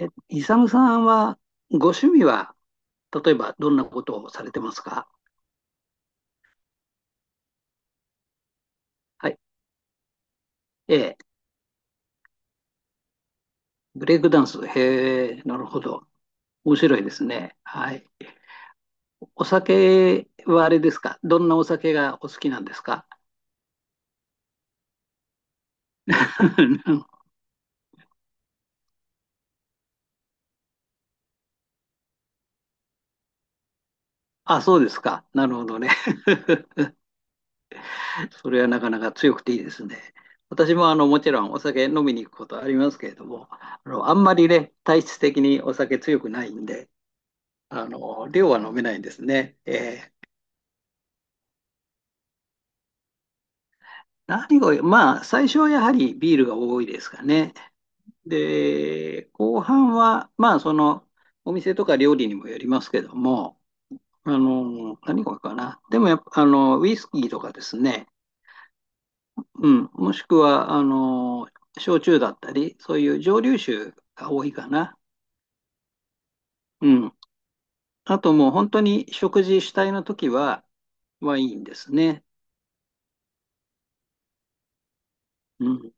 え、イサムさんは、ご趣味は、例えばどんなことをされてますか？はい。ええ、ブレイクダンス。へえ、なるほど。面白いですね。はい。お酒はあれですか？どんなお酒がお好きなんですか？ あ、そうですか。なるほどね。それはなかなか強くていいですね。私ももちろんお酒飲みに行くことありますけれども、あの、あんまりね、体質的にお酒強くないんで、あの、量は飲めないんですね。え何が多い、まあ、最初はやはりビールが多いですかね。で、後半は、まあ、その、お店とか料理にもよりますけども、あの、何が多いかな。でもやっぱ、あの、ウイスキーとかですね、うん、もしくは、あの、焼酎だったり、そういう蒸留酒が多いかな。うん。あともう本当に食事主体の時は、ワインですね。うん。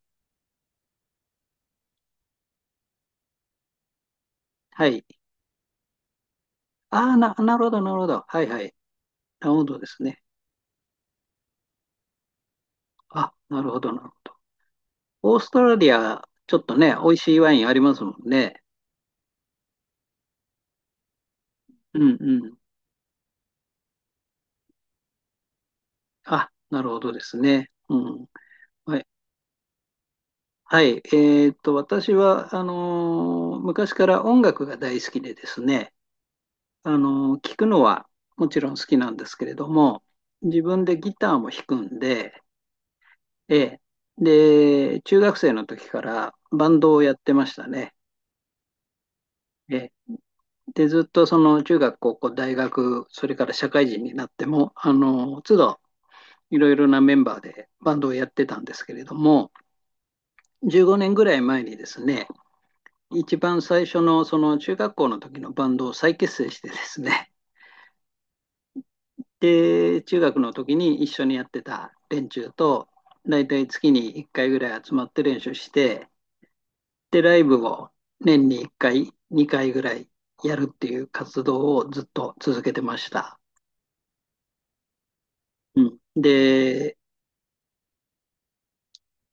はい。ああ、な、なるほど、なるほど。はいはい。なるほどですね。あ、なるほど、なるほど。オーストラリア、ちょっとね、美味しいワインありますもんね。うんうん。あ、なるほどですね。うん。はい。はい。私は、昔から音楽が大好きでですね、聞くのはもちろん好きなんですけれども、自分でギターも弾くんで、ええ。で、中学生の時からバンドをやってましたね。ええ。で、ずっとその中学、高校、大学、それから社会人になっても、都度いろいろなメンバーでバンドをやってたんですけれども、15年ぐらい前にですね、一番最初のその中学校の時のバンドを再結成してですね、で、中学の時に一緒にやってた連中と、だいたい月に1回ぐらい集まって練習して、で、ライブを年に1回、2回ぐらいやるっていう活動をずっと続けてました。うん。で、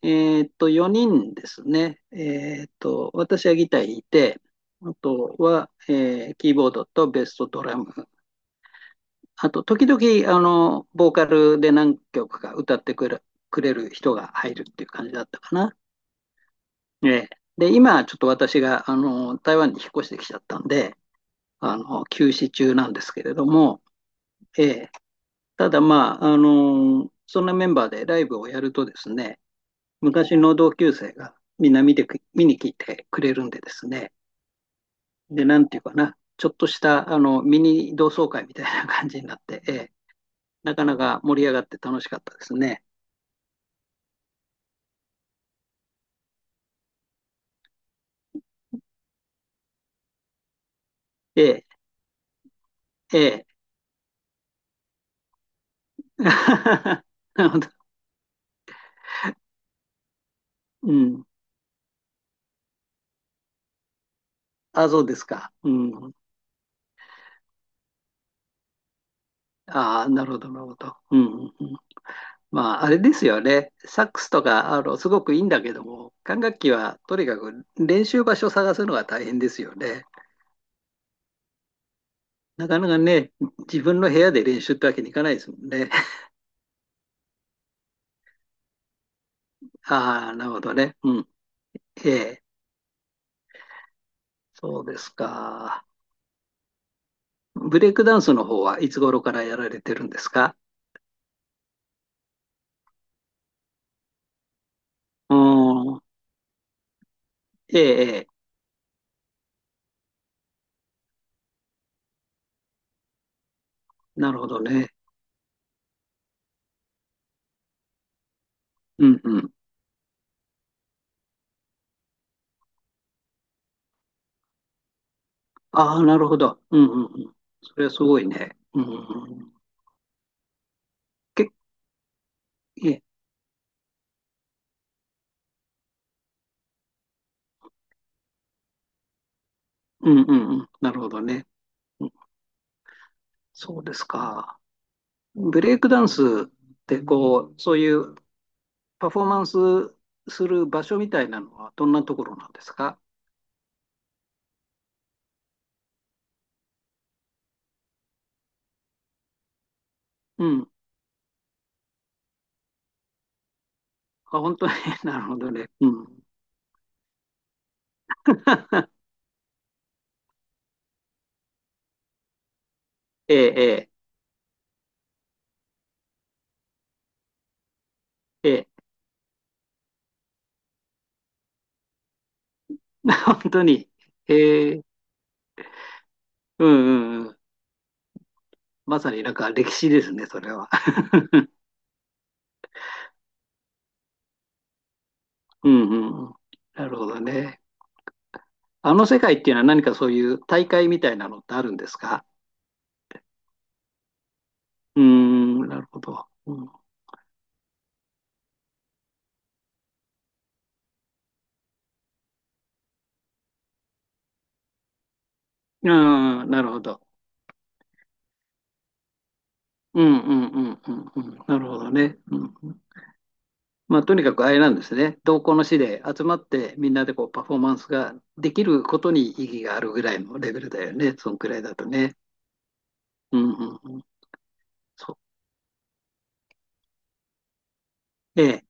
4人ですね。私はギター弾いて、あとは、キーボードとベースとドラム。あと、時々、あの、ボーカルで何曲か歌ってくれる、人が入るっていう感じだったかな。ええ。で、今、ちょっと私が、あの、台湾に引っ越してきちゃったんで、あの、休止中なんですけれども、ええ。ただ、まあ、あの、そんなメンバーでライブをやるとですね、昔の同級生がみんな見に来てくれるんでですね。で、なんていうかな、ちょっとしたあのミニ同窓会みたいな感じになって、ええ、なかなか盛り上がって楽しかったですね。ええ、ええ。なるほど。うん。あ、そうですか。うん。ああ、なるほど、なるほど。うん、うんうん。まあ、あれですよね。サックスとか、あの、すごくいいんだけども、管楽器はとにかく練習場所探すのが大変ですよね。なかなかね、自分の部屋で練習ってわけにいかないですもんね。ああ、なるほどね。うん。ええ、そうですか。ブレイクダンスの方はいつ頃からやられてるんですか？うーん。ええ、ええ、なるほどね。うんうん。ああ、なるほど。うんうんうん。それはすごいね。うんうんうん。け、ええ、うんうんうん。なるほどね。うん。そうですか。ブレイクダンスってこう、そういうパフォーマンスする場所みたいなのはどんなところなんですか？うん。あ、本当に、なるほどね。うん。ええ、ええ、ええ。本当に。ええ、うんうんうん。まさになんか歴史ですね、それは。うんうんうん。なるほどね。あの世界っていうのは何かそういう大会みたいなのってあるんですか？うーん、なるほど。うん、あー、なるほど。うんうんうんうんうん。なるほどね。うん。まあ、とにかくあれなんですね。同行の士で集まってみんなでこうパフォーマンスができることに意義があるぐらいのレベルだよね。そのくらいだとね。うんうんうん。そう。ええ。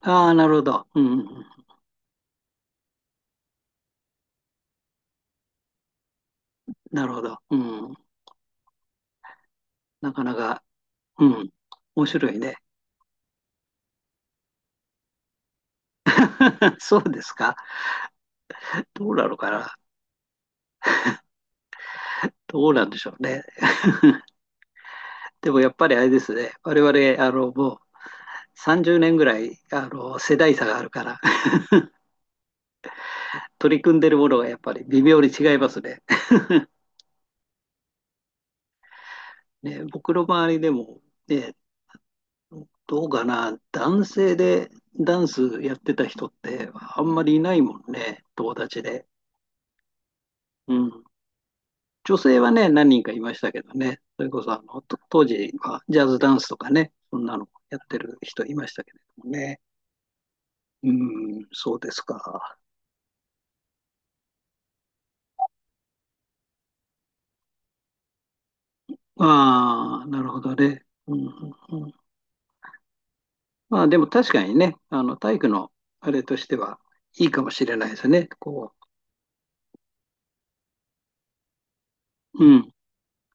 ああ、なるほど。うんうんうん。なるほど。うん。なかなか、うん。面白いね。そうですか。どうなのかな。どうなんでしょうね。でもやっぱりあれですね。我々、あの、もう30年ぐらい、あの、世代差があるから、取り組んでるものがやっぱり微妙に違いますね。ね、僕の周りでも、ね、どうかな、男性でダンスやってた人ってあんまりいないもんね、友達で。うん。女性はね、何人かいましたけどね、それこそあの、と当時はジャズダンスとかね、そんなのやってる人いましたけれどもね。うん、そうですか。ああ、なるほどね。うん、うんうん。まあでも確かにね、あの、体育のあれとしてはいいかもしれないですね。こう、うん、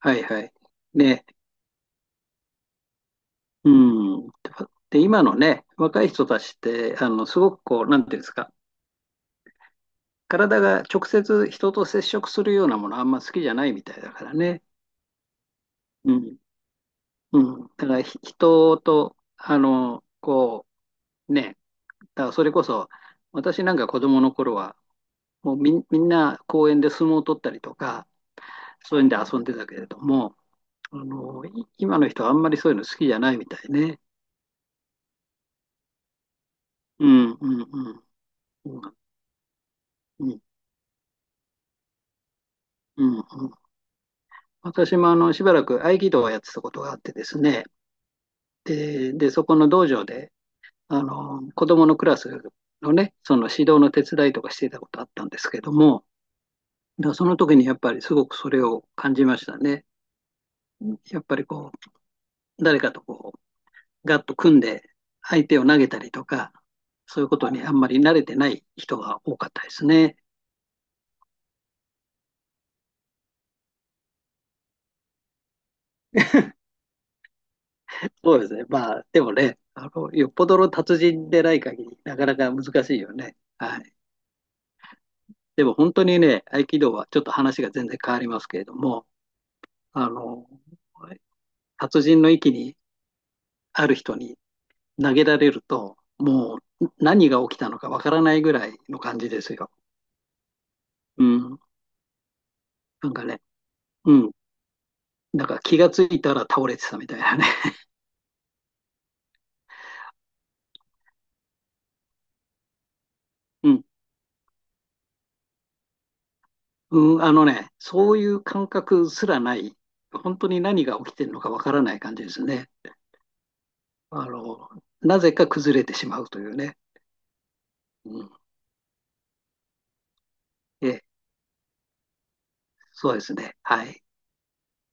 はいはい。ね。うん。で、今のね、若い人たちって、あの、すごくこう、なんていうんですか、体が直接人と接触するようなものあんま好きじゃないみたいだからね。うん。うん。だからひ人と、あの、こう、ね、だからそれこそ、私なんか子供の頃は、もうみん、みんな公園で相撲を取ったりとか、そういうんで遊んでたけれども、あの、い今の人はあんまりそういうの好きじゃないみたいね。うん、うん、うん。うん、うん、うん。うん。私もしばらく合気道をやってたことがあってですね、で、そこの道場であの子どものクラスのね、その指導の手伝いとかしていたことあったんですけども、だからその時にやっぱりすごくそれを感じましたね。やっぱりこう、誰かとこう、ガッと組んで相手を投げたりとか、そういうことにあんまり慣れてない人が多かったですね。そうですね。まあ、でもね、あの、よっぽどの達人でない限り、なかなか難しいよね。はい。でも本当にね、合気道はちょっと話が全然変わりますけれども、あの、達人の域にある人に投げられると、もう何が起きたのかわからないぐらいの感じですよ。うん。なんかね、うん。だから気がついたら倒れてたみたいなね。うん。うん、あのね、そういう感覚すらない、本当に何が起きてるのかわからない感じですね。あの、なぜか崩れてしまうというね。うん、え、そうですね。はい。